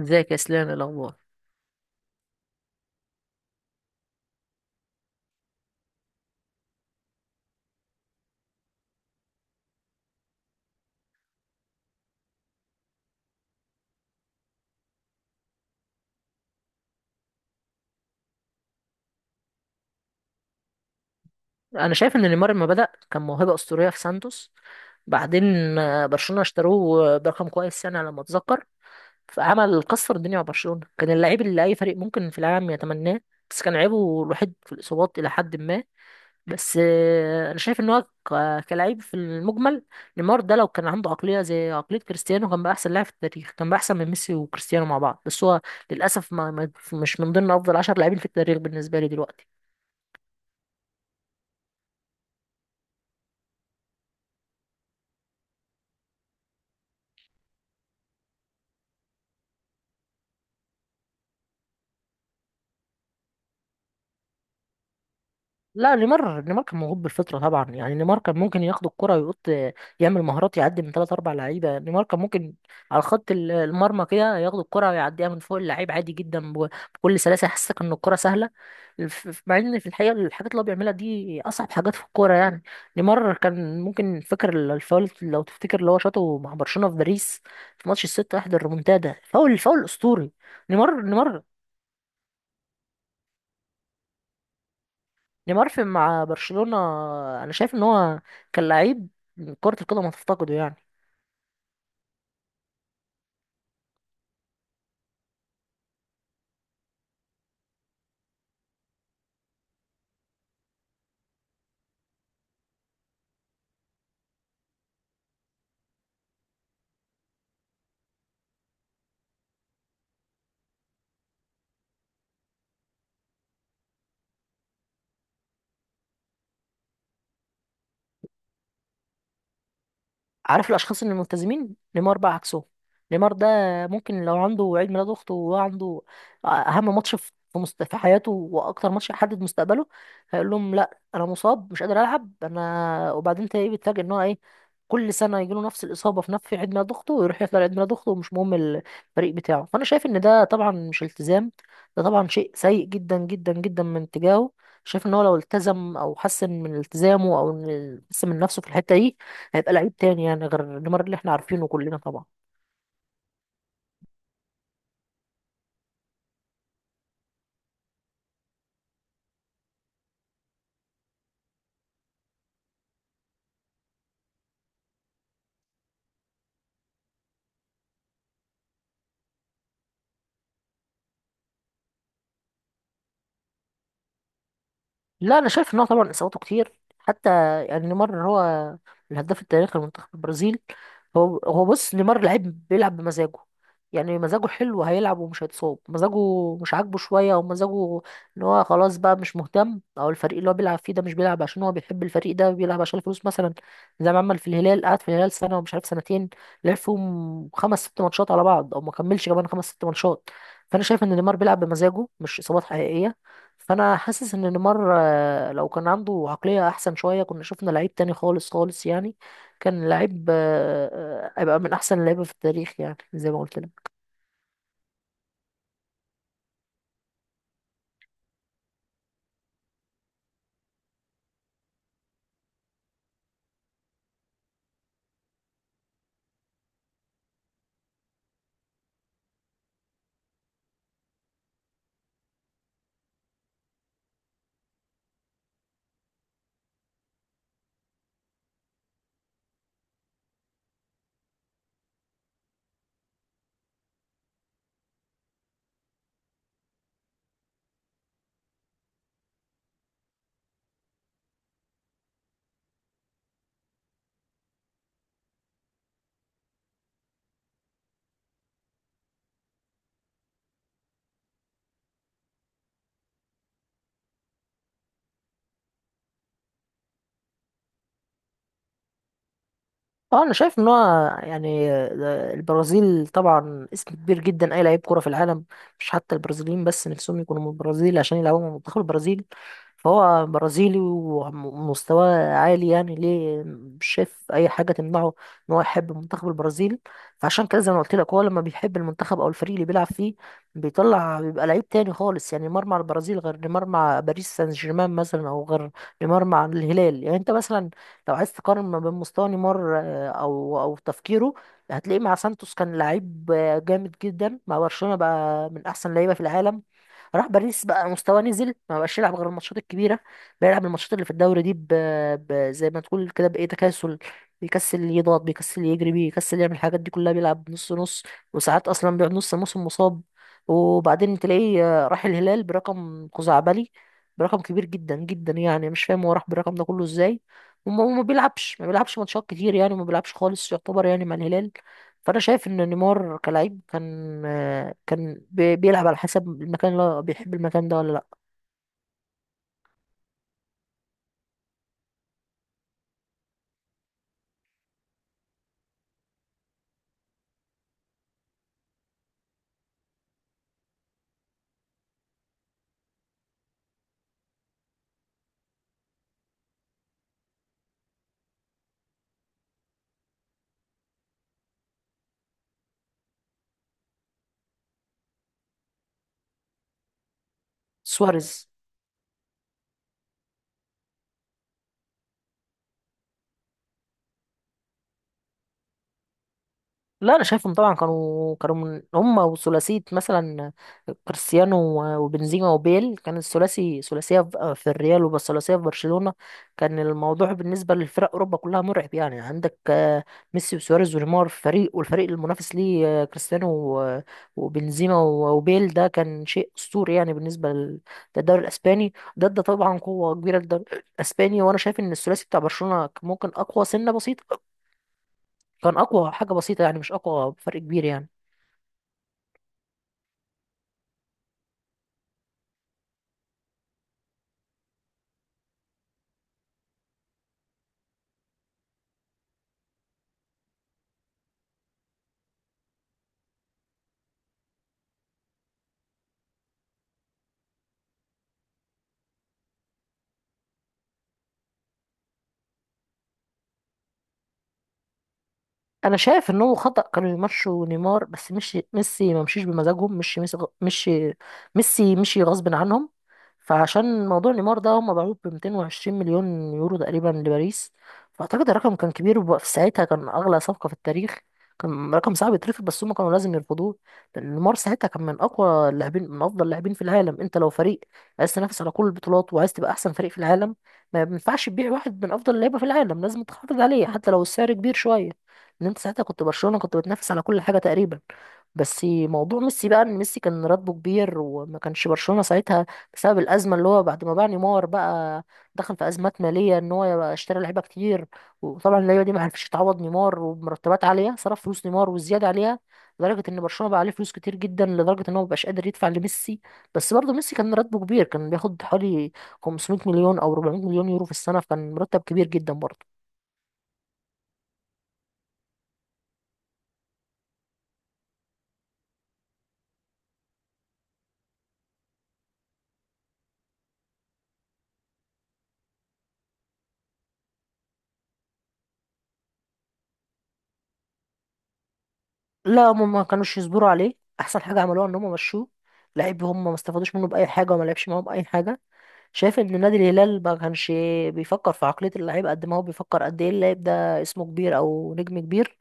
ازيك يا اسلام، ايه الاخبار؟ انا شايف ان نيمار لما بدأ كان موهبة اسطورية في سانتوس. بعدين برشلونة اشتروه برقم كويس يعني على ما اتذكر، فعمل كسر الدنيا مع برشلونة. كان اللعيب اللي اي فريق ممكن في العالم يتمناه، بس كان عيبه الوحيد في الاصابات الى حد ما. بس انا شايف ان هو كلاعب في المجمل، نيمار ده لو كان عنده عقلية زي عقلية كريستيانو كان بقى احسن لاعب في التاريخ، كان بقى احسن من ميسي وكريستيانو مع بعض، بس هو للاسف مش من ضمن افضل 10 لاعبين في التاريخ بالنسبة لي دلوقتي. لا، نيمار كان موهوب بالفطره طبعا، يعني نيمار كان ممكن ياخد الكره ويقط يعمل مهارات، يعدي من ثلاث اربع لعيبه. نيمار كان ممكن على خط المرمى كده ياخد الكره ويعديها من فوق اللعيب عادي جدا، بكل سلاسه يحسسك ان الكره سهله. مع ان في الحقيقه الحاجات اللي هو بيعملها دي اصعب حاجات في الكوره يعني. نيمار كان ممكن، فاكر الفاول لو تفتكر اللي هو شاطه مع برشلونه في باريس في ماتش 6-1 الريمونتادا؟ فاول فاول اسطوري. نيمار نيمار نيمار في مع برشلونة، انا شايف ان هو كان لعيب كرة القدم هتفتقده يعني. عارف الاشخاص اللي ملتزمين؟ نيمار بقى عكسه. نيمار ده ممكن لو عنده عيد ميلاد اخته وهو عنده اهم ماتش في في حياته واكتر ماتش يحدد مستقبله، هيقول لهم لا انا مصاب مش قادر العب. انا وبعدين انت ايه، بتفاجئ ان هو ايه كل سنه يجي له نفس الاصابه في نفس عيد ميلاد اخته، ويروح يطلع عيد ميلاد اخته ومش مهم الفريق بتاعه. فانا شايف ان ده طبعا مش التزام، ده طبعا شيء سيء جدا جدا جدا من تجاهه. شايف ان هو لو التزم او حسن من التزامه، او حسن من نفسه في الحته دي، هيبقى لعيب تاني يعني غير نيمار اللي احنا عارفينه كلنا طبعا. لا انا شايف ان هو طبعا اصاباته كتير. حتى يعني نيمار هو الهداف التاريخي لمنتخب البرازيل. هو بص، نيمار لعيب بيلعب بمزاجه. يعني مزاجه حلو هيلعب ومش هيتصاب، مزاجه مش عاجبه شويه او مزاجه ان هو خلاص بقى مش مهتم، او الفريق اللي هو بيلعب فيه ده مش بيلعب عشان هو بيحب الفريق، ده بيلعب عشان الفلوس مثلا. زي ما عمل في الهلال، قعد في الهلال سنه ومش عارف سنتين، لعب فيهم خمس ست ماتشات على بعض او ما كملش كمان خمس ست ماتشات. فانا شايف ان نيمار بيلعب بمزاجه، مش اصابات حقيقيه. فانا حاسس ان نيمار لو كان عنده عقليه احسن شويه كنا شفنا لعيب تاني خالص خالص يعني. كان لعيب هيبقى من احسن اللعيبه في التاريخ يعني زي ما قلت لك. اه انا شايف ان هو، يعني البرازيل طبعا اسم كبير جدا. اي لعيب كوره في العالم، مش حتى البرازيليين بس، نفسهم يكونوا من البرازيل عشان يلعبوا مع منتخب البرازيل. فهو برازيلي ومستواه عالي يعني، ليه مش شايف اي حاجه تمنعه ان هو يحب منتخب البرازيل. فعشان كده زي ما قلت لك، هو لما بيحب المنتخب او الفريق اللي بيلعب فيه بيطلع بيبقى لعيب تاني خالص. يعني نيمار مع البرازيل غير نيمار مع باريس سان جيرمان مثلا، او غير نيمار مع الهلال. يعني انت مثلا لو عايز تقارن ما بين مستوى نيمار او او تفكيره، هتلاقيه مع سانتوس كان لعيب جامد جدا، مع برشلونة بقى من احسن لعيبة في العالم، راح باريس بقى مستواه نزل، ما بقاش يلعب غير الماتشات الكبيره. بيلعب الماتشات اللي في الدوري دي زي ما تقول كده بايه، تكاسل. بيكسل يضغط، بيكسل يجري، بيكسل يعمل الحاجات دي كلها، بيلعب نص نص. وساعات اصلا بيقعد نص موسم مصاب. وبعدين تلاقيه راح الهلال برقم خزعبلي، برقم كبير جدا جدا يعني، مش فاهم هو راح بالرقم ده كله ازاي. وما ما بيلعبش ماتشات كتير يعني، ما بيلعبش خالص يعتبر يعني مع الهلال. فانا شايف ان نيمار كلاعب كان كان بيلعب على حسب المكان، اللي هو بيحب المكان ده ولا لا. سواريز. لا انا شايفهم طبعا كانوا من هم وثلاثيه مثلا كريستيانو وبنزيما وبيل كان الثلاثي ثلاثيه في في الريال، وبس ثلاثيه في برشلونه. كان الموضوع بالنسبه لفرق اوروبا كلها مرعب يعني، عندك ميسي وسواريز ونيمار في فريق، والفريق المنافس ليه كريستيانو وبنزيما وبيل، ده كان شيء اسطوري يعني بالنسبه للدوري الاسباني. ده طبعا قوه كبيره للدوري الاسباني. وانا شايف ان الثلاثي بتاع برشلونه ممكن اقوى سنه بسيطه، كان اقوى حاجه بسيطه يعني، مش اقوى بفرق كبير يعني. انا شايف ان هو خطأ، كانوا يمشوا نيمار بس. مشي ميسي ما مشيش بمزاجهم، مشي ميسي مشي غصب عنهم. فعشان موضوع نيمار ده، هم باعوه ب 220 مليون يورو تقريبا لباريس. فاعتقد الرقم كان كبير، وفي ساعتها كان اغلى صفقة في التاريخ، كان رقم صعب يترفض. بس هم كانوا لازم يرفضوه، لان نيمار ساعتها كان من اقوى اللاعبين، من افضل اللاعبين في العالم. انت لو فريق عايز تنافس على كل البطولات وعايز تبقى احسن فريق في العالم، ما ينفعش تبيع واحد من افضل اللعيبه في العالم، لازم تحافظ عليه حتى لو السعر كبير شويه. ان انت ساعتها كنت برشلونه، كنت بتنافس على كل حاجه تقريبا. بس موضوع ميسي بقى، ان ميسي كان راتبه كبير، وما كانش برشلونه ساعتها بسبب الازمه اللي هو بعد ما باع نيمار بقى دخل في ازمات ماليه، ان هو يبقى اشترى لعيبه كتير. وطبعا اللعيبه دي ما عرفتش تعوض نيمار، ومرتبات عاليه، صرف فلوس نيمار والزياده عليها، لدرجه ان برشلونه بقى عليه فلوس كتير جدا، لدرجه ان هو مبقاش قادر يدفع لميسي. بس برضه ميسي كان راتبه كبير، كان بياخد حوالي 500 مليون او 400 مليون يورو في السنه، فكان مرتب كبير جدا برضه. لا هم ما كانوش يصبروا عليه. احسن حاجه عملوها ان هم مشوه. لعيب هم ما استفادوش منه باي حاجه وما لعبش معاهم باي حاجه. شايف ان نادي الهلال ما كانش بيفكر في عقليه اللعيب قد ما هو بيفكر قد ايه اللعيب ده اسمه كبير او نجم كبير،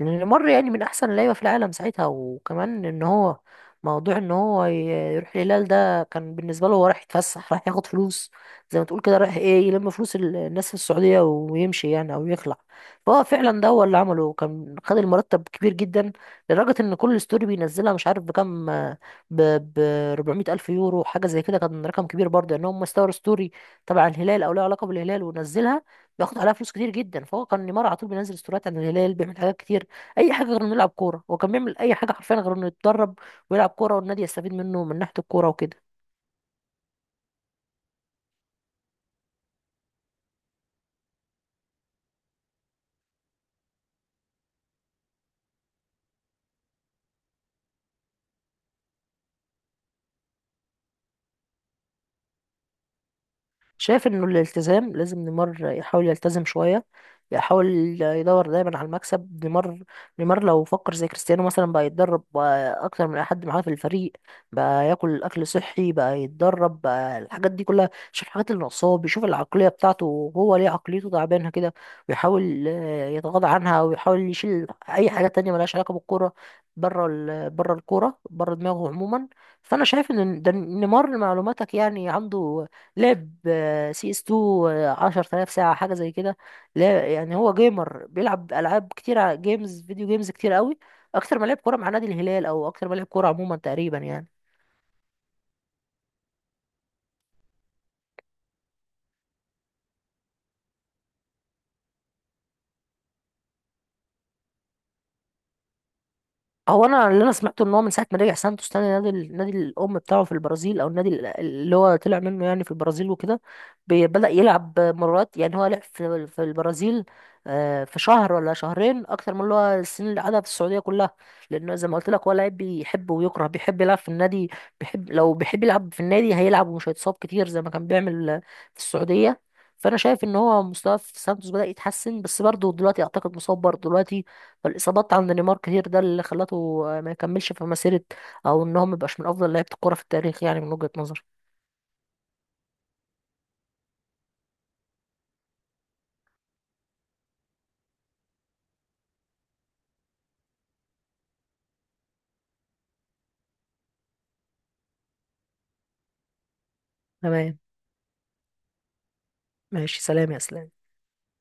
لأن نيمار يعني من أحسن اللعيبة في العالم ساعتها. وكمان إن هو موضوع إن هو يروح الهلال ده كان بالنسبة له هو رايح يتفسح، رايح ياخد فلوس، زي ما تقول كده رايح إيه، يلم فلوس الناس في السعودية ويمشي يعني، أو يخلع. فهو فعلا ده هو اللي عمله، كان خد المرتب كبير جدا، لدرجة إن كل ستوري بينزلها مش عارف بكام، ب ب 400 ألف يورو حاجة زي كده، كان رقم كبير برضه، إن هم استوروا ستوري تبع الهلال أو لها علاقة بالهلال ونزلها بياخد عليها فلوس كتير جدا. فهو كان نيمار على طول بينزل ستوريات عن الهلال، بيعمل حاجات كتير، اي حاجه غير انه يلعب كوره. هو كان بيعمل اي حاجه حرفيا غير انه يتدرب ويلعب كوره والنادي يستفيد منه من ناحيه الكوره وكده. شايف انه الالتزام، لازم نيمار يحاول يلتزم شوية، يحاول يدور دايما على المكسب. نيمار، نيمار لو فكر زي كريستيانو مثلا، بقى يتدرب بقى اكتر من اي حد معاه في الفريق، بقى ياكل اكل صحي، بقى يتدرب، بقى الحاجات دي كلها. شوف الحاجات اللي ناقصاه، بيشوف العقلية بتاعته هو ليه عقليته تعبانة كده، ويحاول يتغاضى عنها، ويحاول يشيل اي حاجة تانية ملهاش علاقة بالكورة، بره الكورة، بره دماغه عموما. فانا شايف ان ده، نيمار لمعلوماتك يعني عنده لعب سي اس 2 10,000 ساعة حاجة زي كده. لا يعني هو جيمر، بيلعب ألعاب كتير، جيمز، فيديو جيمز كتير قوي، أكتر ما لعب كورة مع نادي الهلال، أو أكتر ما لعب كورة عموما تقريبا يعني. هو انا اللي انا سمعته ان هو من ساعه ما رجع سانتوس تاني، نادي نادي الام بتاعه في البرازيل، او النادي اللي هو طلع منه يعني في البرازيل وكده، بدأ يلعب مرات. يعني هو لعب في البرازيل في شهر ولا شهرين اكتر من اللي هو السنين اللي قعدها في السعوديه كلها. لانه زي ما قلت لك، هو لعيب بيحب ويكره، بيحب يلعب في النادي، بيحب لو بيحب يلعب في النادي هيلعب ومش هيتصاب كتير زي ما كان بيعمل في السعوديه. فانا شايف ان هو مستواه في سانتوس بدأ يتحسن، بس برضه دلوقتي اعتقد مصاب برضه دلوقتي. فالاصابات عند نيمار كتير، ده اللي خلته ما يكملش في مسيره، او ان هو ما يبقاش من افضل لعيبه الكوره في التاريخ يعني من وجهه نظري. تمام. ماشي، سلام يا اسلام.